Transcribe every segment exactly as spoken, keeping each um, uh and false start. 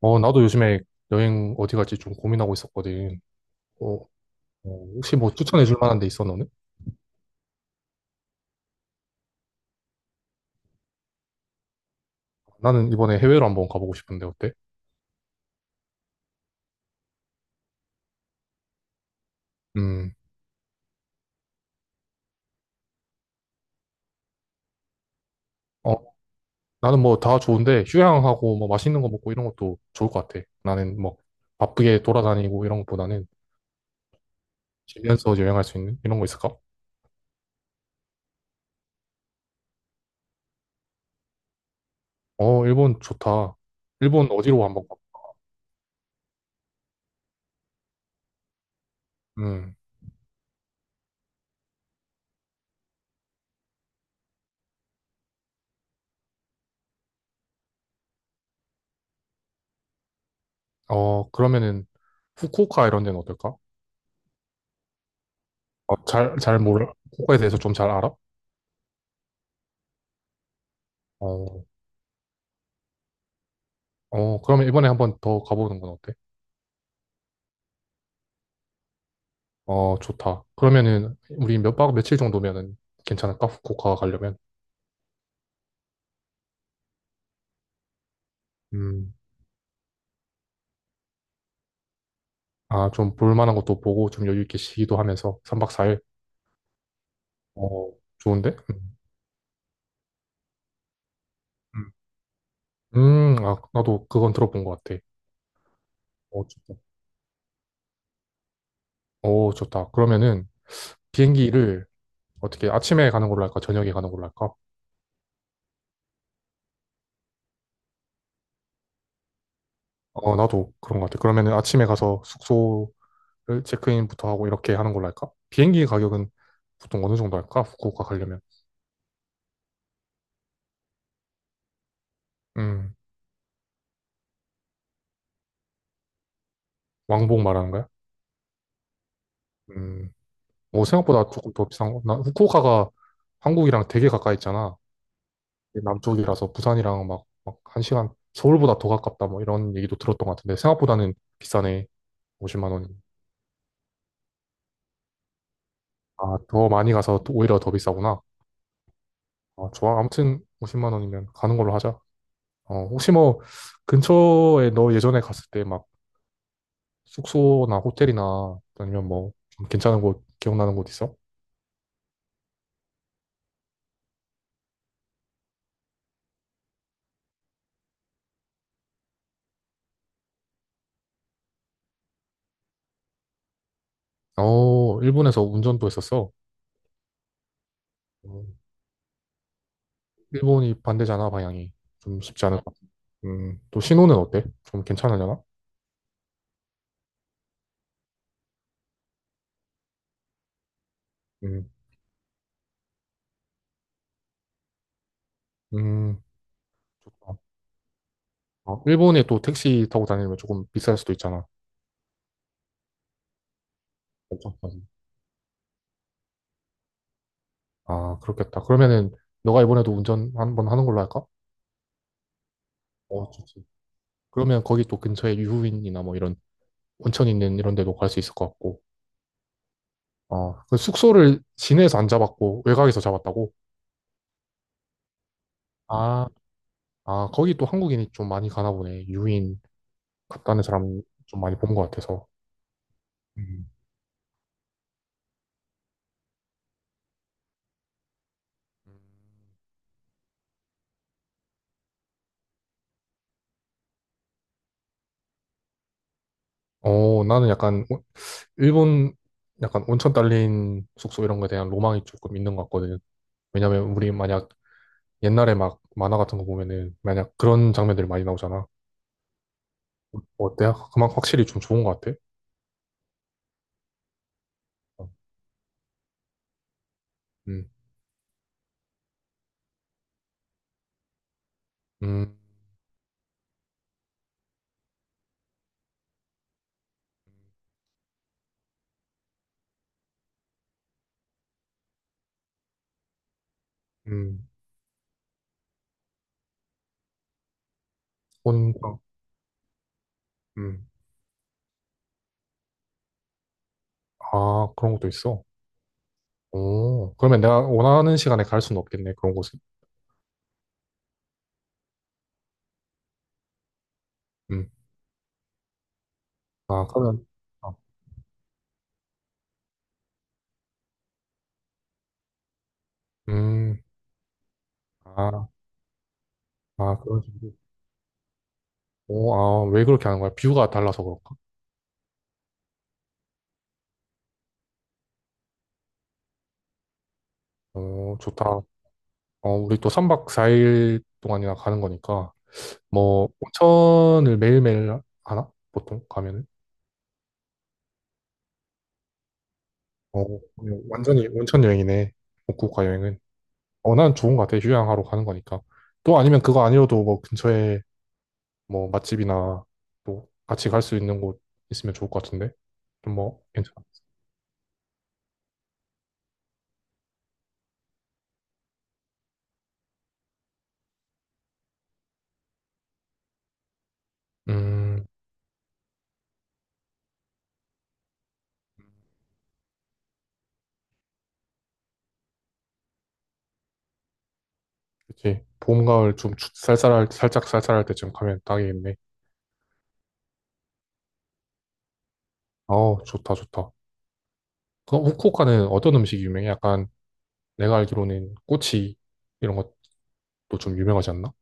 어, 나도 요즘에 여행 어디 갈지 좀 고민하고 있었거든. 어, 어, 혹시 뭐 추천해 줄 만한 데 있어, 너는? 나는 이번에 해외로 한번 가보고 싶은데 어때? 음, 어, 나는 뭐 다 좋은데 휴양하고 뭐 맛있는 거 먹고 이런 것도 좋을 것 같아. 나는 뭐 바쁘게 돌아다니고 이런 것보다는 집에서 여행할 수 있는 이런 거 있을까? 어, 일본 좋다. 일본 어디로 한번 가? 음, 어, 그러면은 후쿠오카 이런 데는 어떨까? 어, 잘, 잘 몰라. 후쿠오카에 대해서 좀 잘 알아? 어, 어, 그러면 이번에 한번 더 가보는 건 어때? 어, 좋다. 그러면은, 우리 몇 박 며칠 정도면은 괜찮을까? 후쿠오카 가려면. 음, 아, 좀 볼만한 것도 보고, 좀 여유 있게 쉬기도 하면서, 삼 박 사 일. 어, 좋은데? 음, 음. 음, 아, 나도 그건 들어본 것 같아. 어, 좋다. 어, 좋다. 그러면은, 비행기를 어떻게 아침에 가는 걸로 할까? 저녁에 가는 걸로 할까? 어, 나도 그런 것 같아. 그러면은 아침에 가서 숙소를 체크인부터 하고 이렇게 하는 걸로 할까? 비행기 가격은 보통 어느 정도 할까? 후쿠오카 가려면. 음, 왕복 말하는 거야? 음. 오, 생각보다 조금 더 비싼 거. 나 후쿠오카가 한국이랑 되게 가까이 있잖아. 남쪽이라서 부산이랑 막, 막 한 시간, 서울보다 더 가깝다 뭐 이런 얘기도 들었던 것 같은데 생각보다는 비싸네. 오십만 원이. 아, 더 많이 가서 또 오히려 더 비싸구나. 아, 좋아. 아무튼 오십만 원이면 가는 걸로 하자. 어, 혹시 뭐 근처에 너 예전에 갔을 때 막 숙소나 호텔이나 아니면 뭐 좀 괜찮은 곳, 기억나는 곳 있어? 어, 일본에서 운전도 했었어. 어, 일본이 반대잖아, 방향이. 좀 쉽지 않을. 음, 또 신호는 어때? 좀 괜찮으려나? 음, 음, 좋다. 어, 일본에 또 택시 타고 다니면 조금 비쌀 수도 있잖아. 엄청. 아, 그렇겠다. 그러면은 너가 이번에도 운전 한 번 하는 걸로 할까? 어, 좋지. 그러면 거기 또 근처에 유후인이나 뭐 이런 온천 있는 이런 데도 갈 수 있을 것 같고. 어, 그 숙소를 시내에서 안 잡았고 외곽에서 잡았다고? 아, 아, 거기 또 한국인이 좀 많이 가나 보네. 유인 갔다는 사람 좀 많이 본 것 같아서. 음. 어, 나는 약간 오- 일본 약간 온천 딸린 숙소 이런 거에 대한 로망이 조금 있는 것 같거든. 왜냐면 우리 만약 옛날에 막 만화 같은 거 보면은 만약 그런 장면들이 많이 나오잖아. 어때? 그만 확실히 좀 좋은 것 같아. 어, 음, 음, 음, 혼자, 음, 아, 그런 것도 있어. 오, 그러면 내가 원하는 시간에 갈 수는 없겠네, 그런 곳에. 음, 아, 그러면, 아, 음, 아, 아, 그런 식으로. 오, 아, 왜 그렇게 하는 거야? 뷰가 달라서 그럴까? 오, 좋다. 어, 우리 또 삼 박 사 일 동안이나 가는 거니까, 뭐, 온천을 매일매일 하나? 보통 가면은? 어, 그냥 완전히 온천 여행이네. 후쿠오카 여행은. 어, 난 좋은 것 같아. 휴양하러 가는 거니까. 또 아니면 그거 아니어도 뭐 근처에 뭐 맛집이나 또 같이 갈 수 있는 곳 있으면 좋을 것 같은데? 좀 뭐, 괜찮아. 음, 그치. 봄, 가을 좀 추- 쌀쌀할, 살짝 쌀쌀할 때쯤 가면 딱이겠네. 어, 좋다, 좋다. 그럼 후쿠오카는 어떤 음식이 유명해? 약간 내가 알기로는 꼬치 이런 것도 좀 유명하지 않나?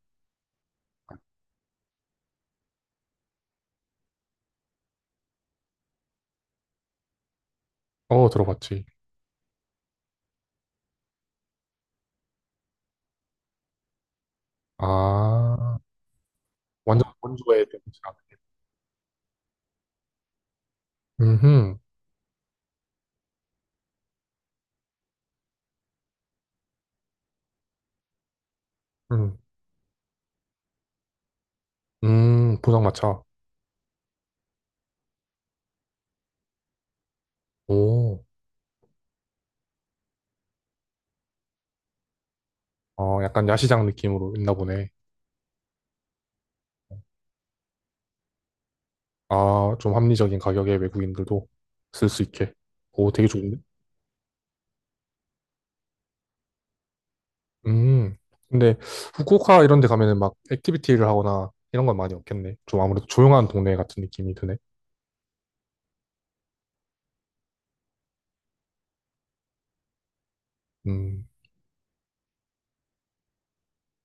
어, 들어봤지. 아, 완전 건조해. 대동차. 음, 음, 음, 포장마차. 오, 어, 약간 야시장 느낌으로 있나 보네. 아, 좀 합리적인 가격에 외국인들도 쓸 수 있게. 오, 되게 좋은데? 음, 근데 후쿠오카 이런 데 가면은 막 액티비티를 하거나 이런 건 많이 없겠네. 좀 아무래도 조용한 동네 같은 느낌이 드네. 음.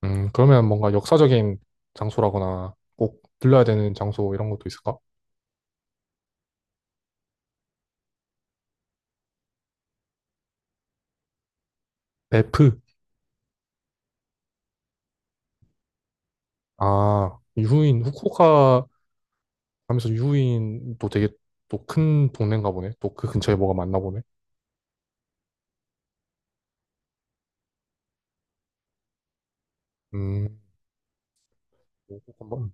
음, 그러면 뭔가 역사적인 장소라거나 꼭 들러야 되는 장소 이런 것도 있을까? 베프. 아, 유후인, 후쿠오카 하면서 유후인도 되게 또 큰 동네인가 보네. 또 그 근처에 뭐가 많나 보네. 음, 뭐꼭 한번.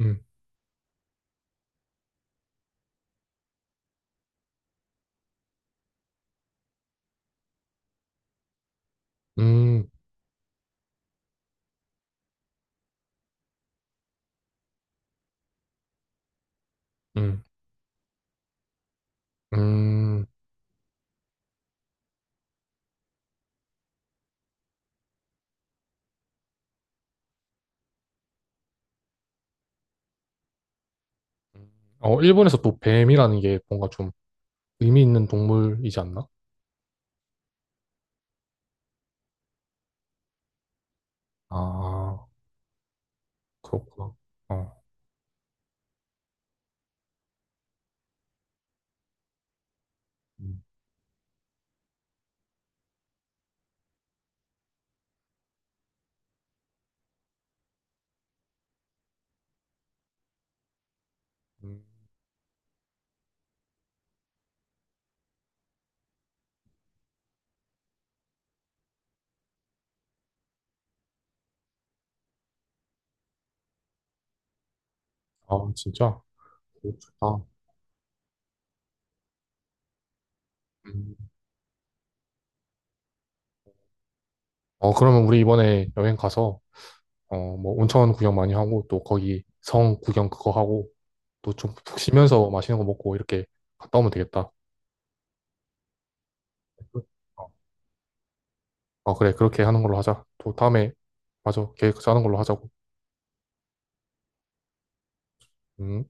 음, 음, 음, 음. 어, 일본에서 또 뱀이라는 게 뭔가 좀 의미 있는 동물이지 않나? 아, 그렇구나. 어. 음, 음. 아, 진짜? 오, 좋다. 음. 어, 그러면 우리 이번에 여행 가서 어, 뭐 온천 구경 많이 하고 또 거기 성 구경 그거 하고 또 좀 푹 쉬면서 맛있는 거 먹고 이렇게 갔다 오면 되겠다. 어, 어, 그래. 그렇게 하는 걸로 하자. 또 다음에 맞아. 계획 짜는 걸로 하자고. 음.